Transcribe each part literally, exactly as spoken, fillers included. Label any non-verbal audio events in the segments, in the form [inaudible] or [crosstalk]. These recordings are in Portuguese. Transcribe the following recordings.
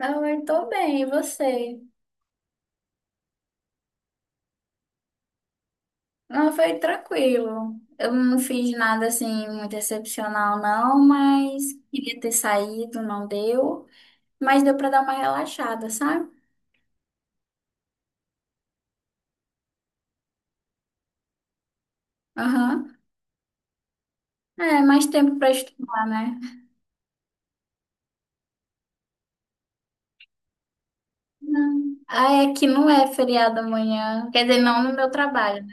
Ah, eu tô bem, e você? Não, foi tranquilo. Eu não fiz nada assim muito excepcional, não, mas queria ter saído, não deu. Mas deu pra dar uma relaxada, sabe? Aham. É, mais tempo pra estudar, né? Não. Ah, é que não é feriado amanhã. Quer dizer, não no meu trabalho.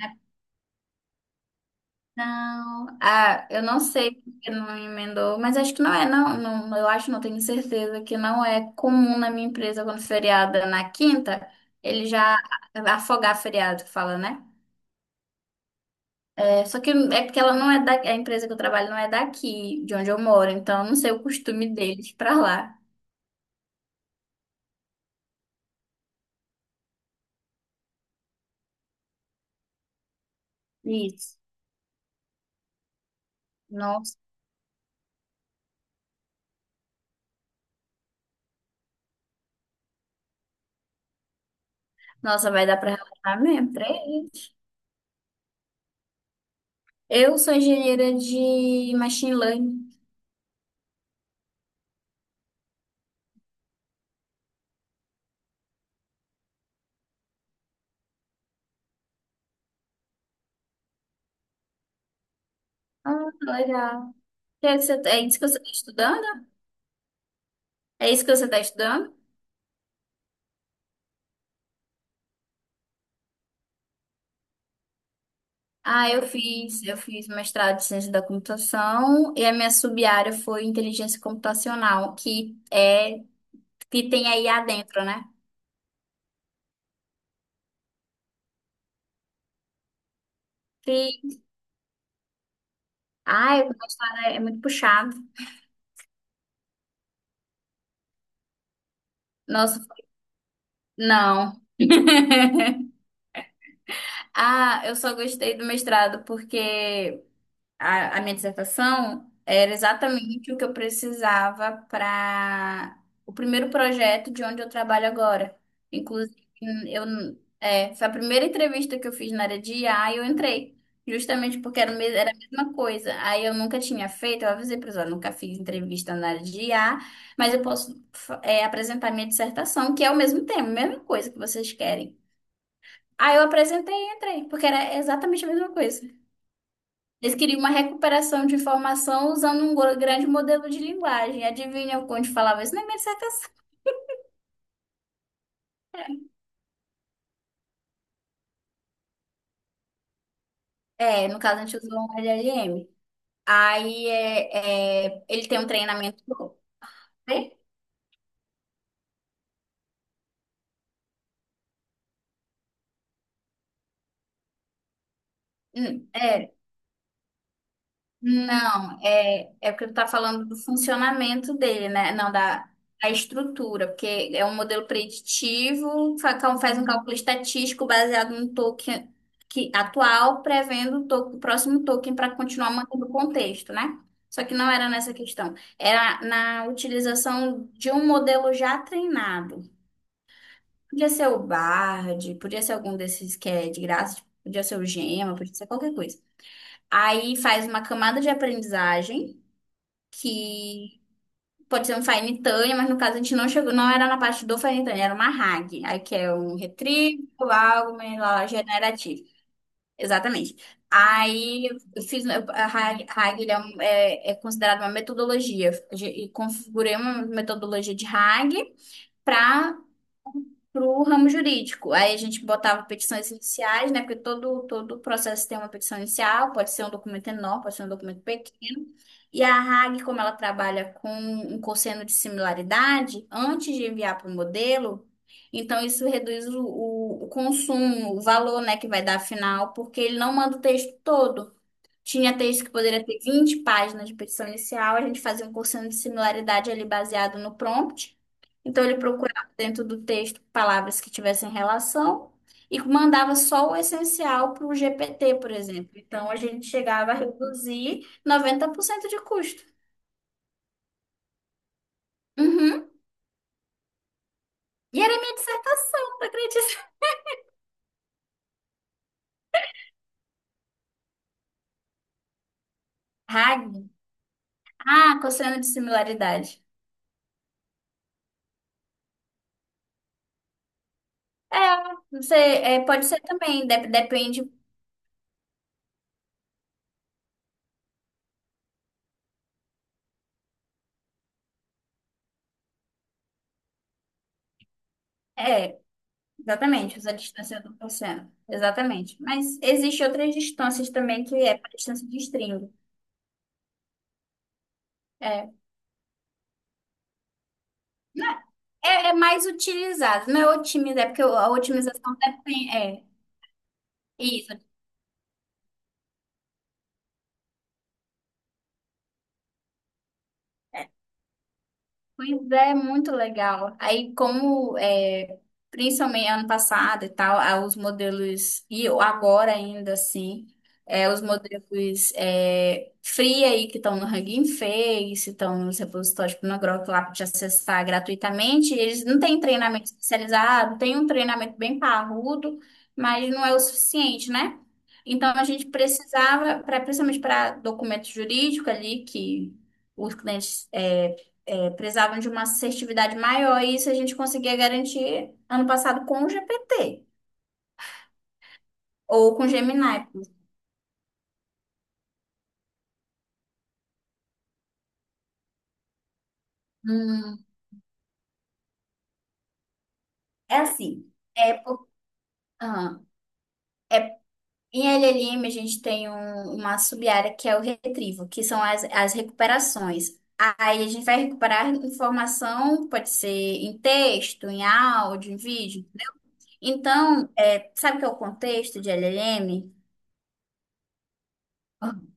Não, ah, eu não sei porque não emendou, mas acho que não é, não, não, eu acho, não tenho certeza que não é comum na minha empresa quando feriado é na quinta, ele já afogar feriado, que fala, né? É, só que é porque ela não é da, a empresa que eu trabalho não é daqui, de onde eu moro, então eu não sei o costume deles pra lá. Isso. Nossa, nossa, vai dar pra relatar mesmo, três. Eu sou engenheira de machine learning. Ah, legal. Que é que você- é isso que você está estudando? É isso que você está estudando? Ah, eu fiz, eu fiz mestrado em ciência da computação e a minha sub-área foi inteligência computacional, que é que tem a I A dentro, né? E, ai, o mestrado é é muito puxado. Nossa, não. Ah, eu só gostei do mestrado porque A, a minha dissertação era exatamente o que eu precisava para o primeiro projeto de onde eu trabalho agora. Inclusive, eu, é, foi a primeira entrevista que eu fiz na área de I A e eu entrei, justamente porque era, o mes- era a mesma coisa. Aí eu nunca tinha feito, eu avisei para eles, nunca fiz entrevista na área de I A, mas eu posso, fa- é, apresentar minha dissertação, que é o mesmo tema, a mesma coisa que vocês querem. Aí eu apresentei e entrei, porque era exatamente a mesma coisa. Eles queriam uma recuperação de informação usando um gro- grande modelo de linguagem. Adivinha onde falava isso? Na minha dissertação. É, no caso, a gente usou um L L M. Aí é, é, ele tem um treinamento, né? Hum. É. Não, é, é porque tu tá falando do funcionamento dele, né? Não, da, da estrutura, porque é um modelo preditivo, fa- cal- faz um cálculo estatístico baseado no token que, atual, prevendo o, to- o próximo token para continuar mantendo o contexto, né? Só que não era nessa questão, era na utilização de um modelo já treinado. Podia ser o Bard, podia ser algum desses que é de graça, tipo, podia ser o Gema, podia ser qualquer coisa. Aí faz uma camada de aprendizagem que pode ser um faenitânia, mas no caso a gente não chegou, não era na parte do faenitânia, era uma rag, aí que é um retrieval algo lá, generativo. Exatamente. Aí eu fiz eu- a rag, rag ele é, um- é, é considerada uma metodologia. Eu ge- e configurei uma metodologia de rag para pro ramo jurídico. Aí a gente botava petições iniciais, né? Porque todo, todo processo tem uma petição inicial, pode ser um documento enorme, pode ser um documento pequeno. E a rag, como ela trabalha com um cosseno de similaridade, antes de enviar para o modelo, então isso reduz o, o, o consumo, o valor, né, que vai dar final, porque ele não manda o texto todo. Tinha texto que poderia ter vinte páginas de petição inicial, a gente fazia um cursinho de similaridade ali baseado no prompt. Então ele procurava dentro do texto palavras que tivessem relação e mandava só o essencial para o G P T, por exemplo. Então a gente chegava a reduzir noventa por cento de custo. Uhum. E era minha dissertação, tu acredita? [laughs] rag? Ah, cosseno de similaridade. É, você, é, pode ser também, dep- depende. é, Exatamente, usa a distância do torcendo. Exatamente. Mas existe outras distâncias também que é para distância de string. É, não é, é é mais utilizado, não é otimizar, é porque a otimização depende. É, isso. É. Pois é, muito legal. Aí, como é, principalmente ano passado e tal, ah, os modelos, e agora ainda assim, é, os modelos é, free aí que estão no Hugging Face, estão nos repositórios pornográficos lá para te acessar gratuitamente, eles não têm treinamento especializado, tem um treinamento bem parrudo, mas não é o suficiente, né? Então, a gente precisava, pra, principalmente para documento jurídico ali, que. Os clientes é, precisavam de uma assertividade maior, e isso a gente conseguia garantir ano passado com o G P T ou com o Gemini. Hum. É assim, é por... Ah, em L L M a gente tem um- uma sub-área que é o retrivo, que são as, as recuperações. Aí a gente vai recuperar informação, pode ser em texto, em áudio, em vídeo. Então, é, sabe o que é o contexto de L L M?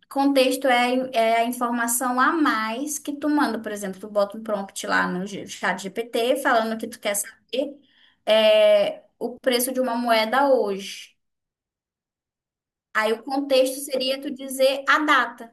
Contexto é, a- é a informação a mais que tu manda, por exemplo, tu bota um prompt lá no G- chat G P T falando que tu quer saber é, o preço de uma moeda hoje. Aí o contexto seria tu dizer a data.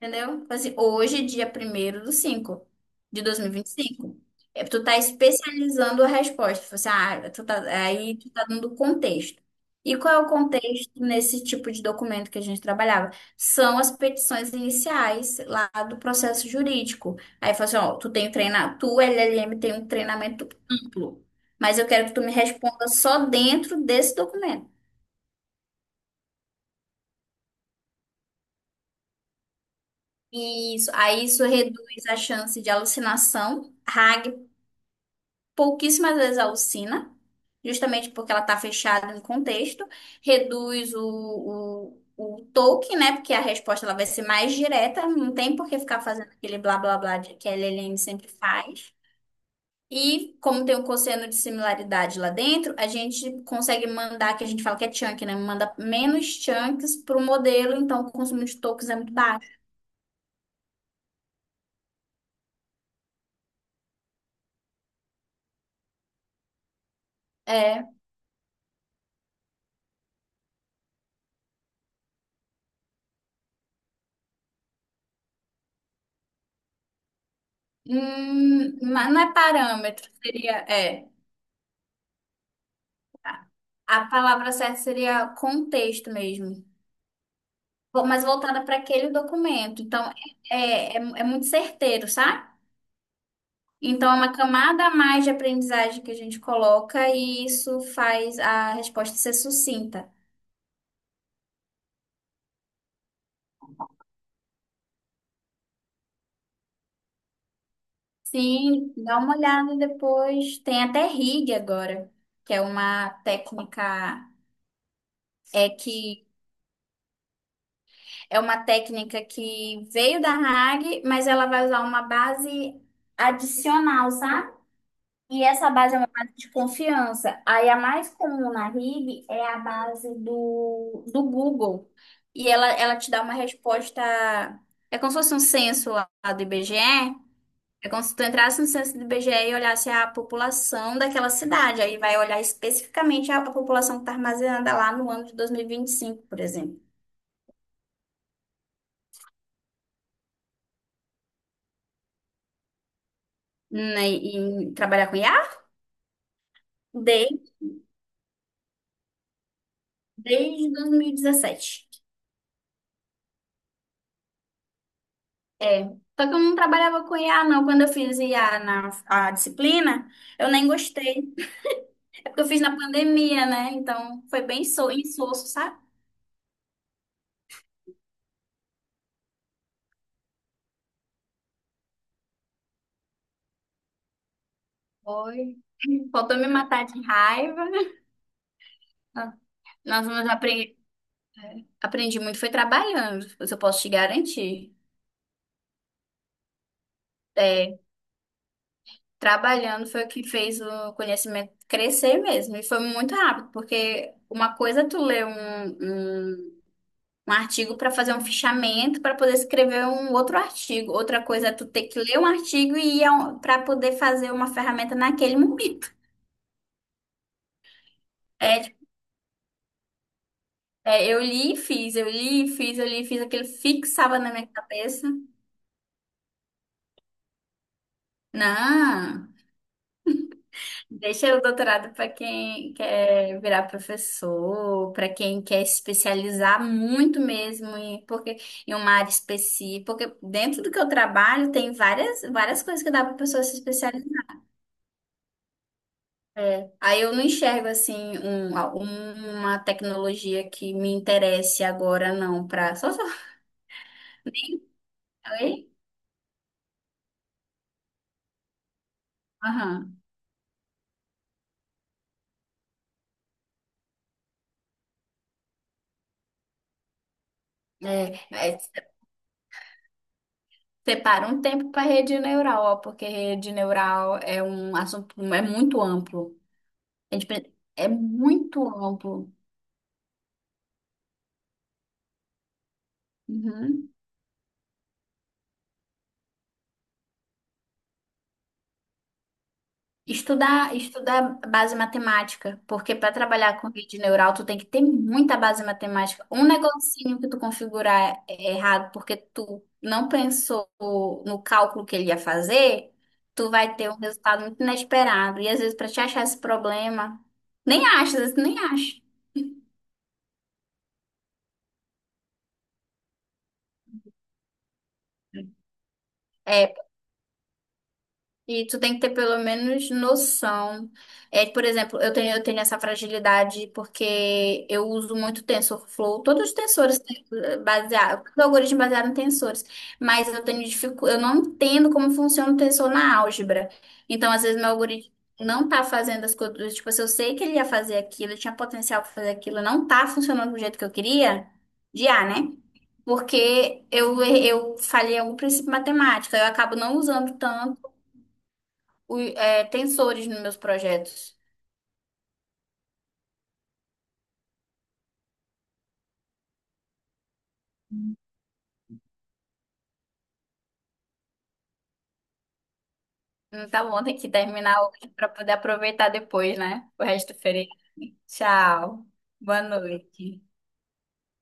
Entendeu? Tipo assim, hoje, dia primeiro do cinco de dois mil e e vinte e cinco. É, tu tá especializando a resposta. Tipo assim, ah, tu tá, aí tu tá dando contexto. E qual é o contexto nesse tipo de documento que a gente trabalhava? São as petições iniciais lá do processo jurídico. Aí fala assim, ó, tu tem treinar, tu, L L M, tem um treinamento amplo, mas eu quero que tu me responda só dentro desse documento. Isso, aí isso reduz a chance de alucinação. rag pouquíssimas vezes a alcina, justamente porque ela está fechada em contexto, reduz o, o, o toque, né? Porque a resposta ela vai ser mais direta, não tem por que ficar fazendo aquele blá blá blá de- que a Lelene sempre faz. E como tem um cosseno de similaridade lá dentro, a gente consegue mandar, que a gente fala que é chunk, né? Manda menos chunks para o modelo, então o consumo de tokens é muito baixo. É, hum, mas não é parâmetro, seria, é. A palavra certa seria contexto mesmo, Vo- mas voltada para aquele documento. Então, é, é, é muito certeiro, sabe? Então, é uma camada a mais de aprendizagem que a gente coloca e isso faz a resposta ser sucinta. Sim, dá uma olhada depois. Tem até rig agora, que é uma técnica. É que é uma técnica que veio da rag, mas ela vai usar uma base adicional, sabe? E essa base é uma base de confiança. Aí a mais comum na R I B é a base do, do Google. E ela, ela te dá uma resposta. É como se fosse um censo lá do IBGE. É como se tu entrasse no censo do IBGE e e olhasse a população daquela cidade. Aí vai olhar especificamente a, população que está armazenada lá no ano de dois mil e e vinte e cinco, por exemplo. Né, E, e trabalhar com I A desde, desde dois mil e dezessete. É, só que eu não trabalhava com I A, não. Quando eu fiz I A na a disciplina, eu nem gostei. É porque eu fiz na pandemia, né? Então foi bem so, insosso, sabe? Foi. Faltou me matar de raiva. [laughs] Nós vamos apre aprendi muito, foi trabalhando, isso eu posso te garantir. É, trabalhando foi o que fez o conhecimento crescer mesmo. E foi muito rápido, porque uma coisa é tu ler um, um Um artigo para fazer um fichamento para poder escrever um outro artigo. Outra coisa é tu ter que ler um artigo e ir para poder fazer uma ferramenta naquele momento. É, tipo, é, eu li e fiz, eu li e fiz, eu li e fiz, aquilo fixava na minha cabeça. Não, deixa o doutorado para quem quer virar professor, para quem quer especializar muito mesmo em, porque, em uma área específica. Porque dentro do que eu trabalho tem várias, várias coisas que dá para pessoa se especializar. É. Aí eu não enxergo assim um- a- uma tecnologia que me interesse agora não para só se eu. Aham. É, é, separa um tempo para rede neural, ó, porque rede neural é um assunto é muito amplo. A gente, pre- é muito amplo. Uhum. Estudar, estudar base matemática, porque para trabalhar com rede neural tu tem que ter muita base matemática. Um negocinho que tu configurar é errado porque tu não pensou no cálculo que ele ia fazer, tu vai ter um resultado muito inesperado. E às vezes para te achar esse problema, nem acha, às vezes tu nem acha. É, e tu tem que ter pelo menos noção. É, por exemplo, eu tenho, eu tenho essa fragilidade porque eu uso muito TensorFlow. Todos os tensores têm, eh, baseado, os algoritmos baseados em tensores, mas eu tenho dificu, eu não entendo como funciona o tensor na álgebra. Então, às vezes meu algoritmo não tá fazendo as coisas, tipo, se eu sei que ele ia fazer aquilo, ele tinha potencial para fazer aquilo, não tá funcionando do jeito que eu queria, de A, né? Porque eu, eu falhei algum princípio matemático, eu acabo não usando tanto o- é, tensores nos meus projetos. Então, vão ter que terminar hoje para poder aproveitar depois, né? O resto do feriado. Tchau. Boa noite.